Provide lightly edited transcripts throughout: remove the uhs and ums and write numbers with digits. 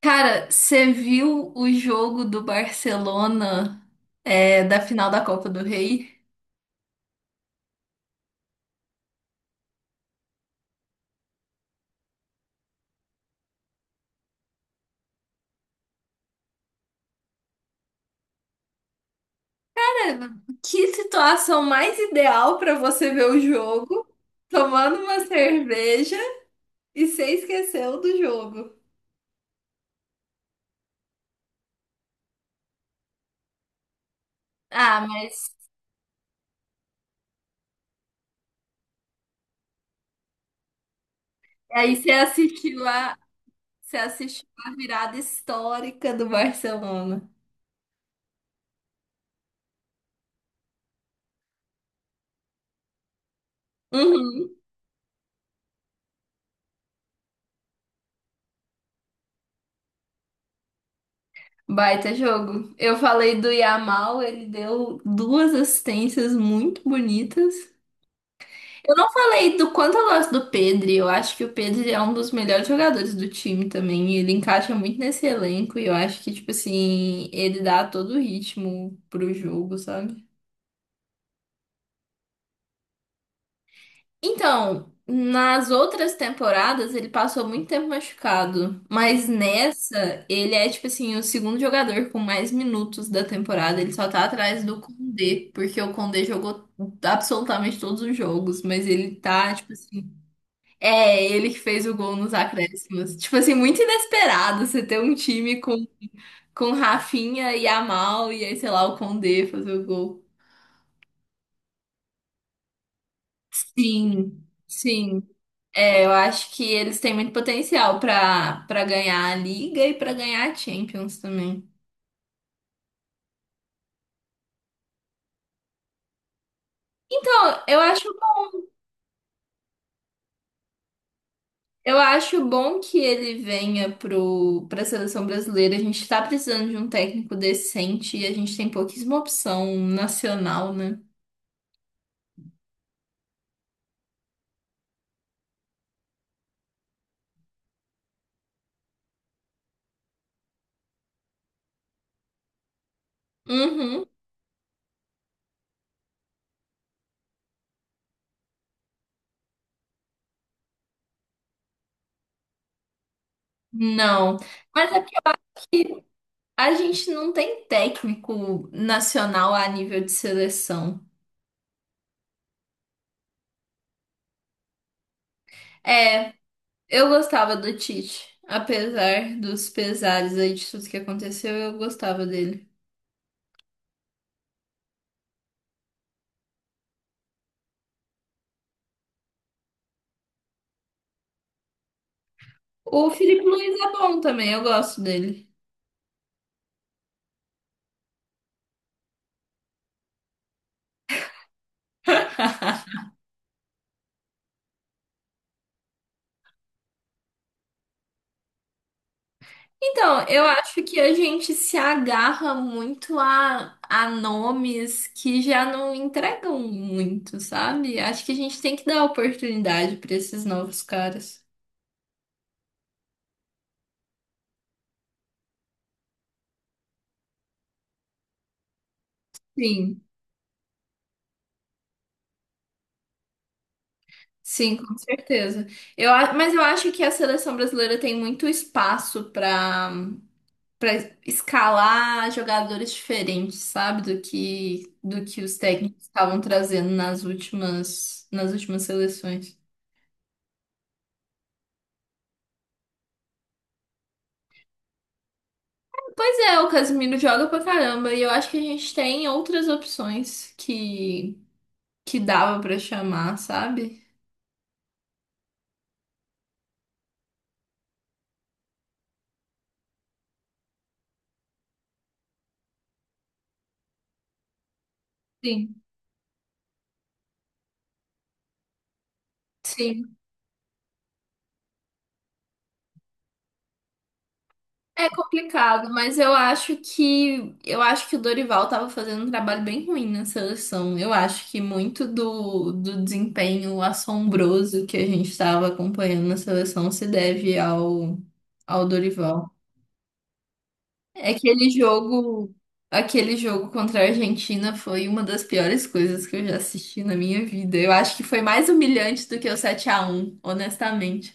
Cara, você viu o jogo do Barcelona, da final da Copa do Rei? Que situação mais ideal para você ver o jogo, tomando uma cerveja e você esqueceu do jogo. Ah, mas aí você assistiu a virada histórica do Barcelona. Uhum. Baita jogo. Eu falei do Yamal, ele deu duas assistências muito bonitas. Eu não falei do quanto eu gosto do Pedri. Eu acho que o Pedri é um dos melhores jogadores do time também. E ele encaixa muito nesse elenco e eu acho que, tipo assim, ele dá todo o ritmo pro jogo, sabe? Então, nas outras temporadas ele passou muito tempo machucado, mas nessa ele é, tipo assim, o segundo jogador com mais minutos da temporada. Ele só tá atrás do Koundé, porque o Koundé jogou absolutamente todos os jogos, mas ele tá, tipo assim. É, ele que fez o gol nos acréscimos. Tipo assim, muito inesperado você ter um time com Rafinha e Amal e aí, sei lá, o Condé fazer o gol. Sim, sim. É, eu acho que eles têm muito potencial pra para ganhar a Liga e pra ganhar a Champions também. Então, eu acho bom que ele venha pra seleção brasileira. A gente tá precisando de um técnico decente e a gente tem pouquíssima opção nacional, né? Uhum. Não. Mas é A gente não tem técnico nacional a nível de seleção. É, eu gostava do Tite, apesar dos pesares aí de tudo que aconteceu, eu gostava dele. O Felipe Luiz é bom também, eu gosto dele. Então, eu acho que a gente se agarra muito a nomes que já não entregam muito, sabe? Acho que a gente tem que dar oportunidade para esses novos caras. Sim. Sim, com certeza. Mas eu acho que a seleção brasileira tem muito espaço para escalar jogadores diferentes, sabe? Do que os técnicos estavam trazendo nas últimas seleções. Pois é, o Casemiro joga pra caramba e eu acho que a gente tem outras opções que dava pra chamar, sabe? Sim. Sim. É complicado, mas eu acho que o Dorival estava fazendo um trabalho bem ruim na seleção. Eu acho que muito do desempenho assombroso que a gente estava acompanhando na seleção se deve ao Dorival. É que Aquele jogo, aquele jogo contra a Argentina foi uma das piores coisas que eu já assisti na minha vida. Eu acho que foi mais humilhante do que o 7-1, honestamente.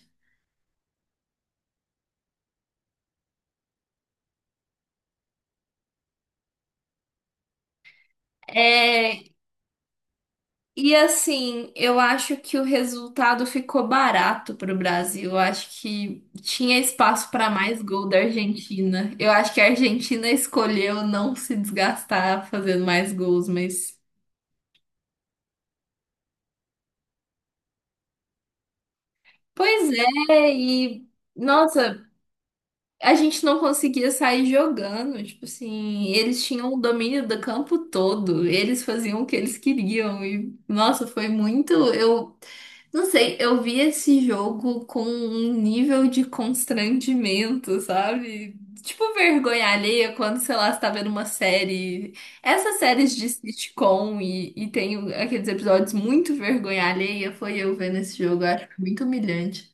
É, E assim, eu acho que o resultado ficou barato pro Brasil. Eu acho que tinha espaço para mais gol da Argentina. Eu acho que a Argentina escolheu não se desgastar fazendo mais gols, mas. Pois é. Nossa, a gente não conseguia sair jogando. Tipo assim, eles tinham o domínio do campo todo. Eles faziam o que eles queriam. E, nossa, foi muito. Eu Não sei, eu vi esse jogo com um nível de constrangimento, sabe? Tipo vergonha alheia quando, sei lá, você tá vendo uma série. Essas séries de sitcom e tem aqueles episódios muito vergonha alheia, foi eu vendo esse jogo, eu acho que foi muito humilhante.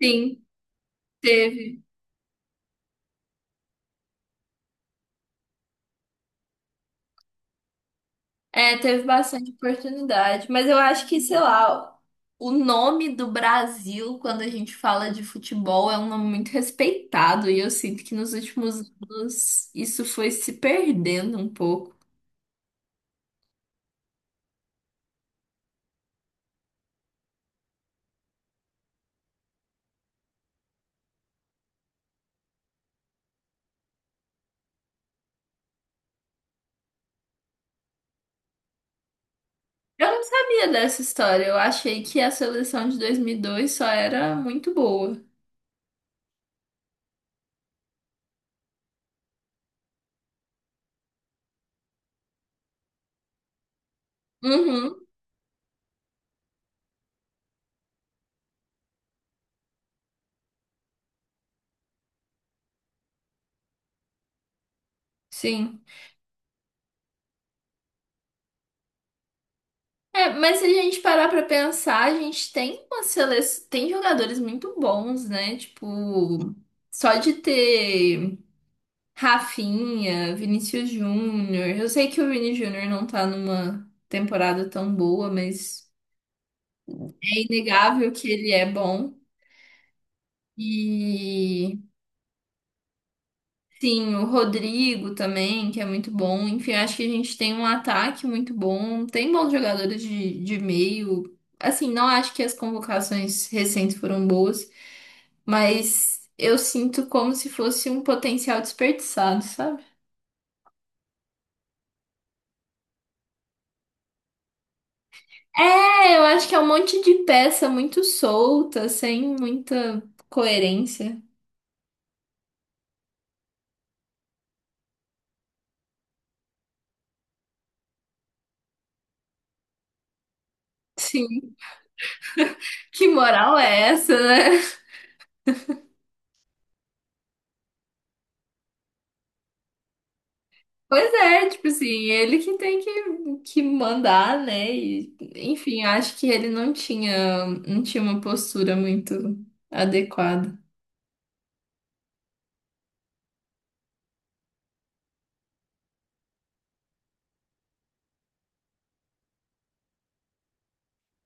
Sim, teve. É, teve bastante oportunidade, mas eu acho que, sei lá, o nome do Brasil, quando a gente fala de futebol, é um nome muito respeitado, e eu sinto que nos últimos anos isso foi se perdendo um pouco. Eu não sabia dessa história, eu achei que a seleção de 2002 só era muito boa. Uhum, sim. É, mas se a gente parar pra pensar, a gente tem uma seleção, tem jogadores muito bons, né? Tipo, só de ter. Rafinha, Vinícius Júnior. Eu sei que o Vini Júnior não tá numa temporada tão boa, mas é inegável que ele é bom. E sim, o Rodrigo também, que é muito bom. Enfim, acho que a gente tem um ataque muito bom. Tem bons jogadores de meio. Assim, não acho que as convocações recentes foram boas, mas eu sinto como se fosse um potencial desperdiçado, sabe? É, eu acho que é um monte de peça muito solta, sem muita coerência. Sim. Que moral é essa, né? Pois é, tipo assim, ele que tem que mandar, né? E, enfim, acho que ele não tinha uma postura muito adequada.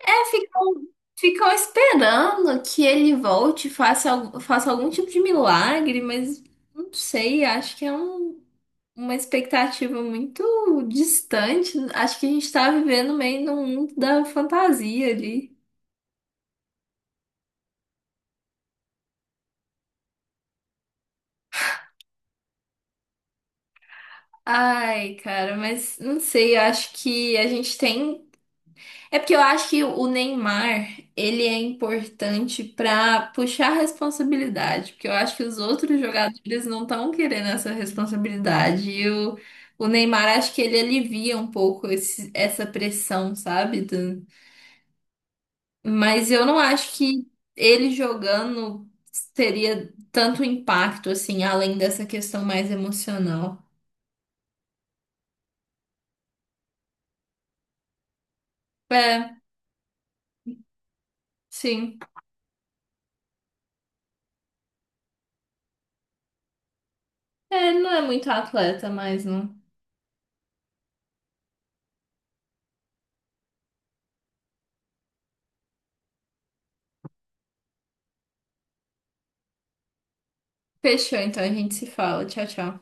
É, ficam esperando que ele volte, faça algum tipo de milagre, mas não sei, acho que é uma expectativa muito distante. Acho que a gente tá vivendo meio num mundo da fantasia ali. Ai, cara, mas não sei, eu acho que a gente tem. É porque eu acho que o Neymar, ele é importante pra puxar responsabilidade, porque eu acho que os outros jogadores não estão querendo essa responsabilidade. E o Neymar, acho que ele alivia um pouco essa pressão, sabe? Mas eu não acho que ele jogando teria tanto impacto, assim, além dessa questão mais emocional. É, sim. É, ele não é muito atleta mais, não. Fechou, então a gente se fala. Tchau, tchau.